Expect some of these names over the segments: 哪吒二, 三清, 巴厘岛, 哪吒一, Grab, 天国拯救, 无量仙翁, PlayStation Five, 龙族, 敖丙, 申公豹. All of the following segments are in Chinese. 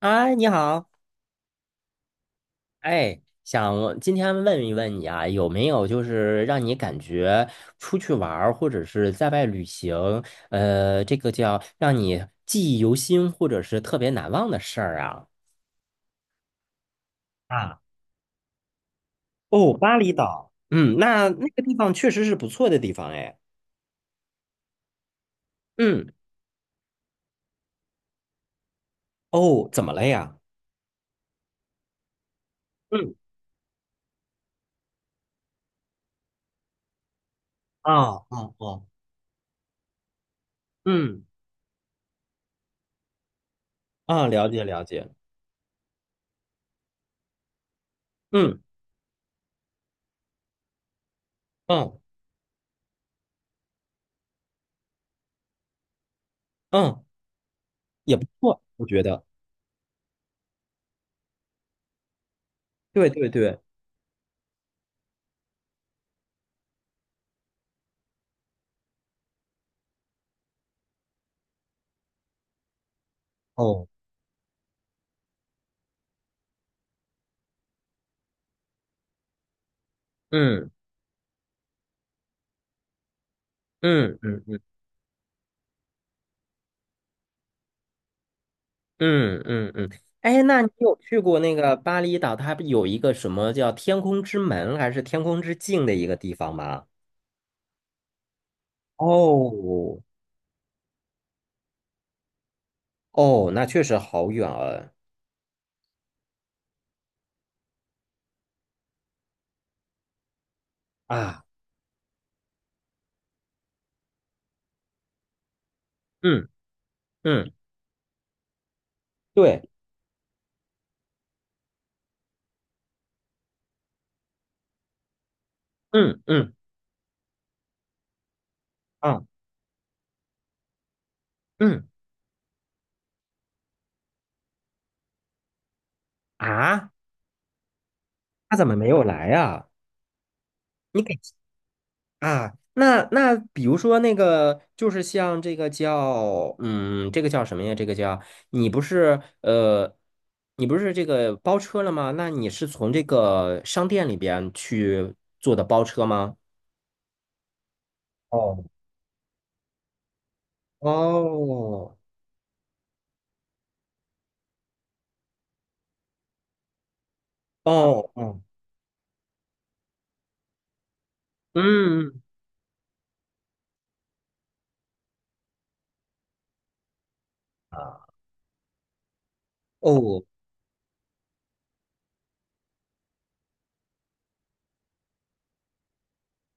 哎，你好，哎，想今天问一问你啊，有没有就是让你感觉出去玩儿或者是在外旅行，这个叫让你记忆犹新或者是特别难忘的事儿啊？啊，哦，巴厘岛，嗯，那个地方确实是不错的地方哎。嗯哦，怎么了呀？嗯啊，啊，哦，嗯啊，了解了解，嗯嗯嗯，也不错，我觉得，对对对，哦，嗯嗯嗯嗯嗯嗯嗯，哎，那你有去过那个巴厘岛？它有一个什么叫天空之门还是天空之镜的一个地方吗？哦哦，那确实好远啊啊！嗯嗯，对，嗯嗯啊嗯啊，他怎么没有来啊？啊，那比如说那个，就是像这个叫，嗯，这个叫什么呀？这个叫你不是呃，你不是这个包车了吗？那你是从这个商店里边去做的包车吗？哦，哦哦哦，嗯。啊，哦，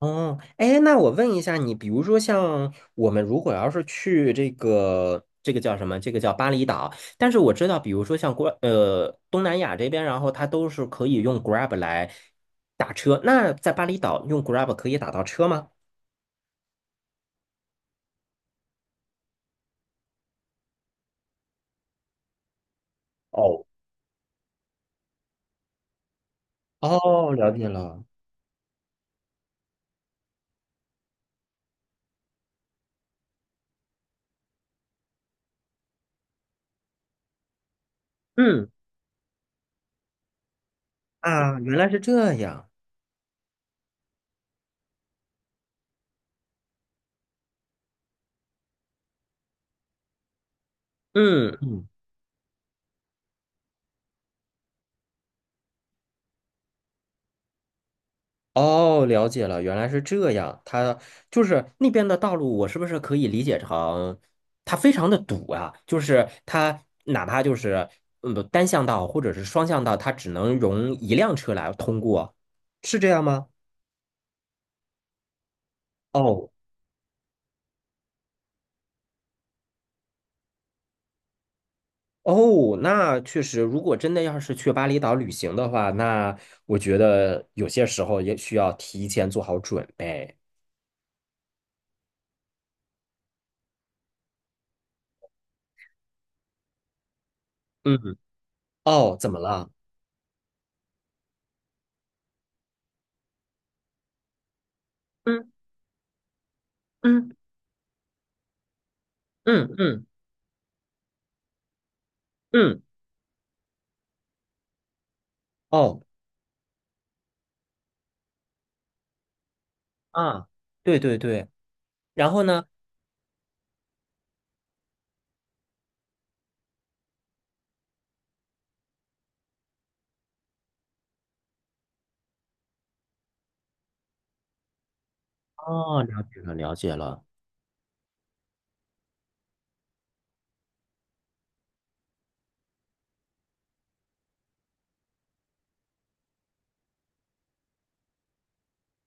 哦，哎，那我问一下你，比如说像我们如果要是去这个叫什么，这个叫巴厘岛，但是我知道，比如说像东南亚这边，然后它都是可以用 Grab 来打车，那在巴厘岛用 Grab 可以打到车吗？哦，哦，了解了。嗯，啊，原来是这样。嗯。哦，了解了，原来是这样。它就是那边的道路，我是不是可以理解成它非常的堵啊？就是它哪怕就是单向道或者是双向道，它只能容一辆车来通过，是这样吗？哦哦，那确实，如果真的要是去巴厘岛旅行的话，那我觉得有些时候也需要提前做好准备。嗯，哦，怎么了？嗯嗯嗯嗯嗯，哦啊，对对对。然后呢，哦，了解了，了解了。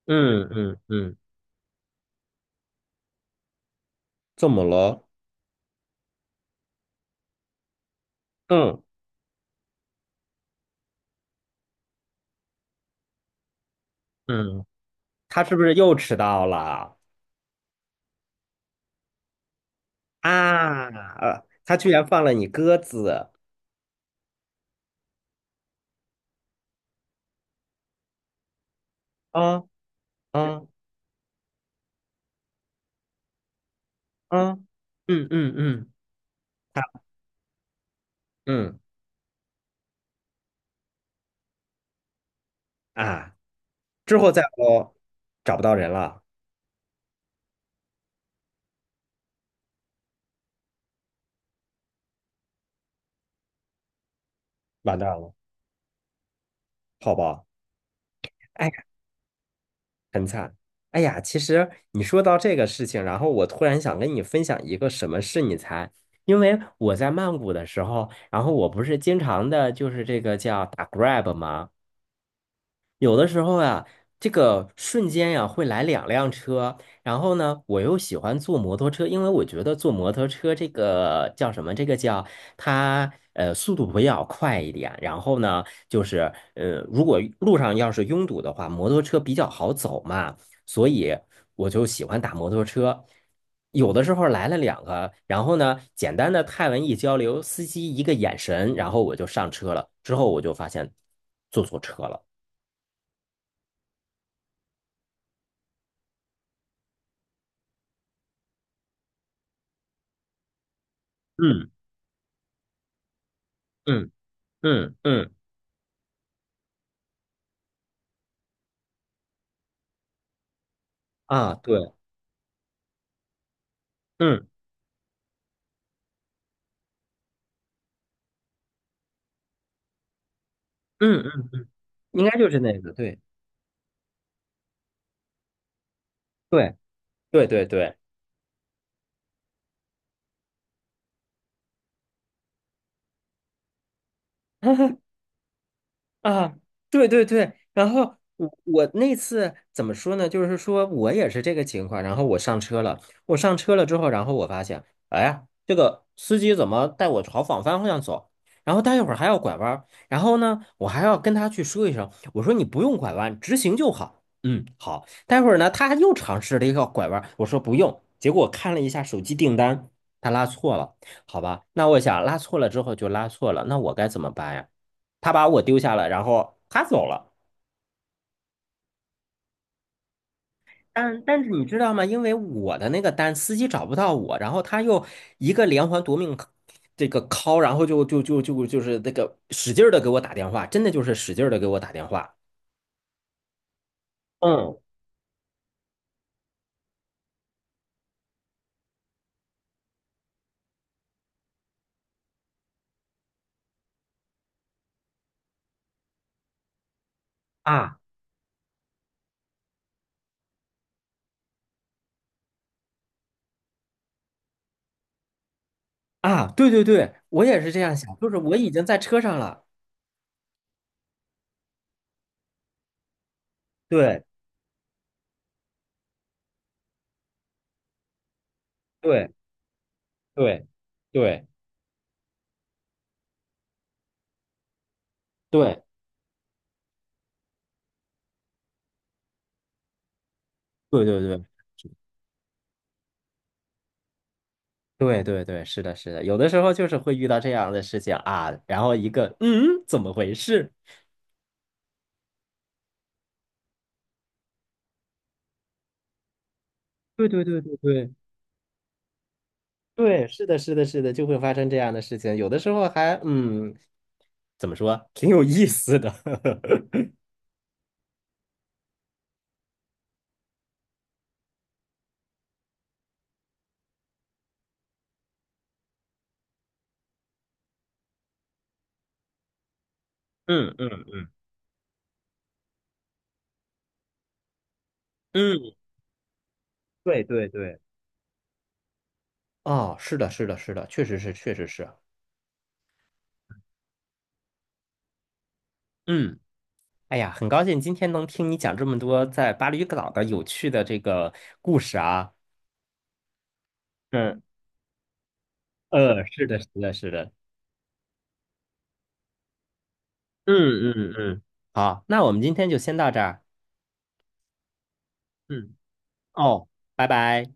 嗯嗯嗯，怎么了？嗯嗯，他是不是又迟到了啊？他居然放了你鸽子啊啊啊！嗯嗯嗯他嗯，啊！之后再我找不到人了，完蛋了。好吧？哎。很惨。哎呀，其实你说到这个事情，然后我突然想跟你分享一个什么事，你猜？因为我在曼谷的时候，然后我不是经常的，就是这个叫打 Grab 吗？有的时候啊，这个瞬间呀、会来两辆车，然后呢，我又喜欢坐摩托车，因为我觉得坐摩托车这个叫什么？这个叫它速度比较快一点，然后呢，就是如果路上要是拥堵的话，摩托车比较好走嘛，所以我就喜欢打摩托车。有的时候来了两个，然后呢，简单的泰文一交流，司机一个眼神，然后我就上车了，之后我就发现坐错车了。嗯。嗯嗯嗯啊，对，嗯嗯嗯，应该就是那个，对对对对对，啊，对对对，然后我那次怎么说呢？就是说我也是这个情况，然后我上车了之后，然后我发现，哎呀，这个司机怎么带我朝反方向走？然后待一会儿还要拐弯儿然后呢，我还要跟他去说一声，我说你不用拐弯，直行就好。嗯，好。待会儿呢，他又尝试了一个拐弯儿我说不用，结果我看了一下手机订单，他拉错了，好吧？那我想拉错了之后就拉错了，那我该怎么办呀？他把我丢下了，然后他走了。但是你知道吗？因为我的那个单，司机找不到我，然后他又一个连环夺命 这个 call,然后就是那个使劲的给我打电话，真的就是使劲的给我打电话。嗯啊啊，对对对，我也是这样想，就是我已经在车上了。对对对对对对对对。对对对，是的，是的，有的时候就是会遇到这样的事情啊，然后一个怎么回事？对对对对对对，是的，是的，是的，就会发生这样的事情。有的时候还怎么说，挺有意思的。嗯嗯嗯嗯，对对对，哦，是的，是的，是的，确实是，确实是。嗯，哎呀，很高兴今天能听你讲这么多在巴厘岛的有趣的这个故事啊。嗯，是的，是的，是的。嗯嗯嗯，好，那我们今天就先到这儿。嗯，哦，拜拜。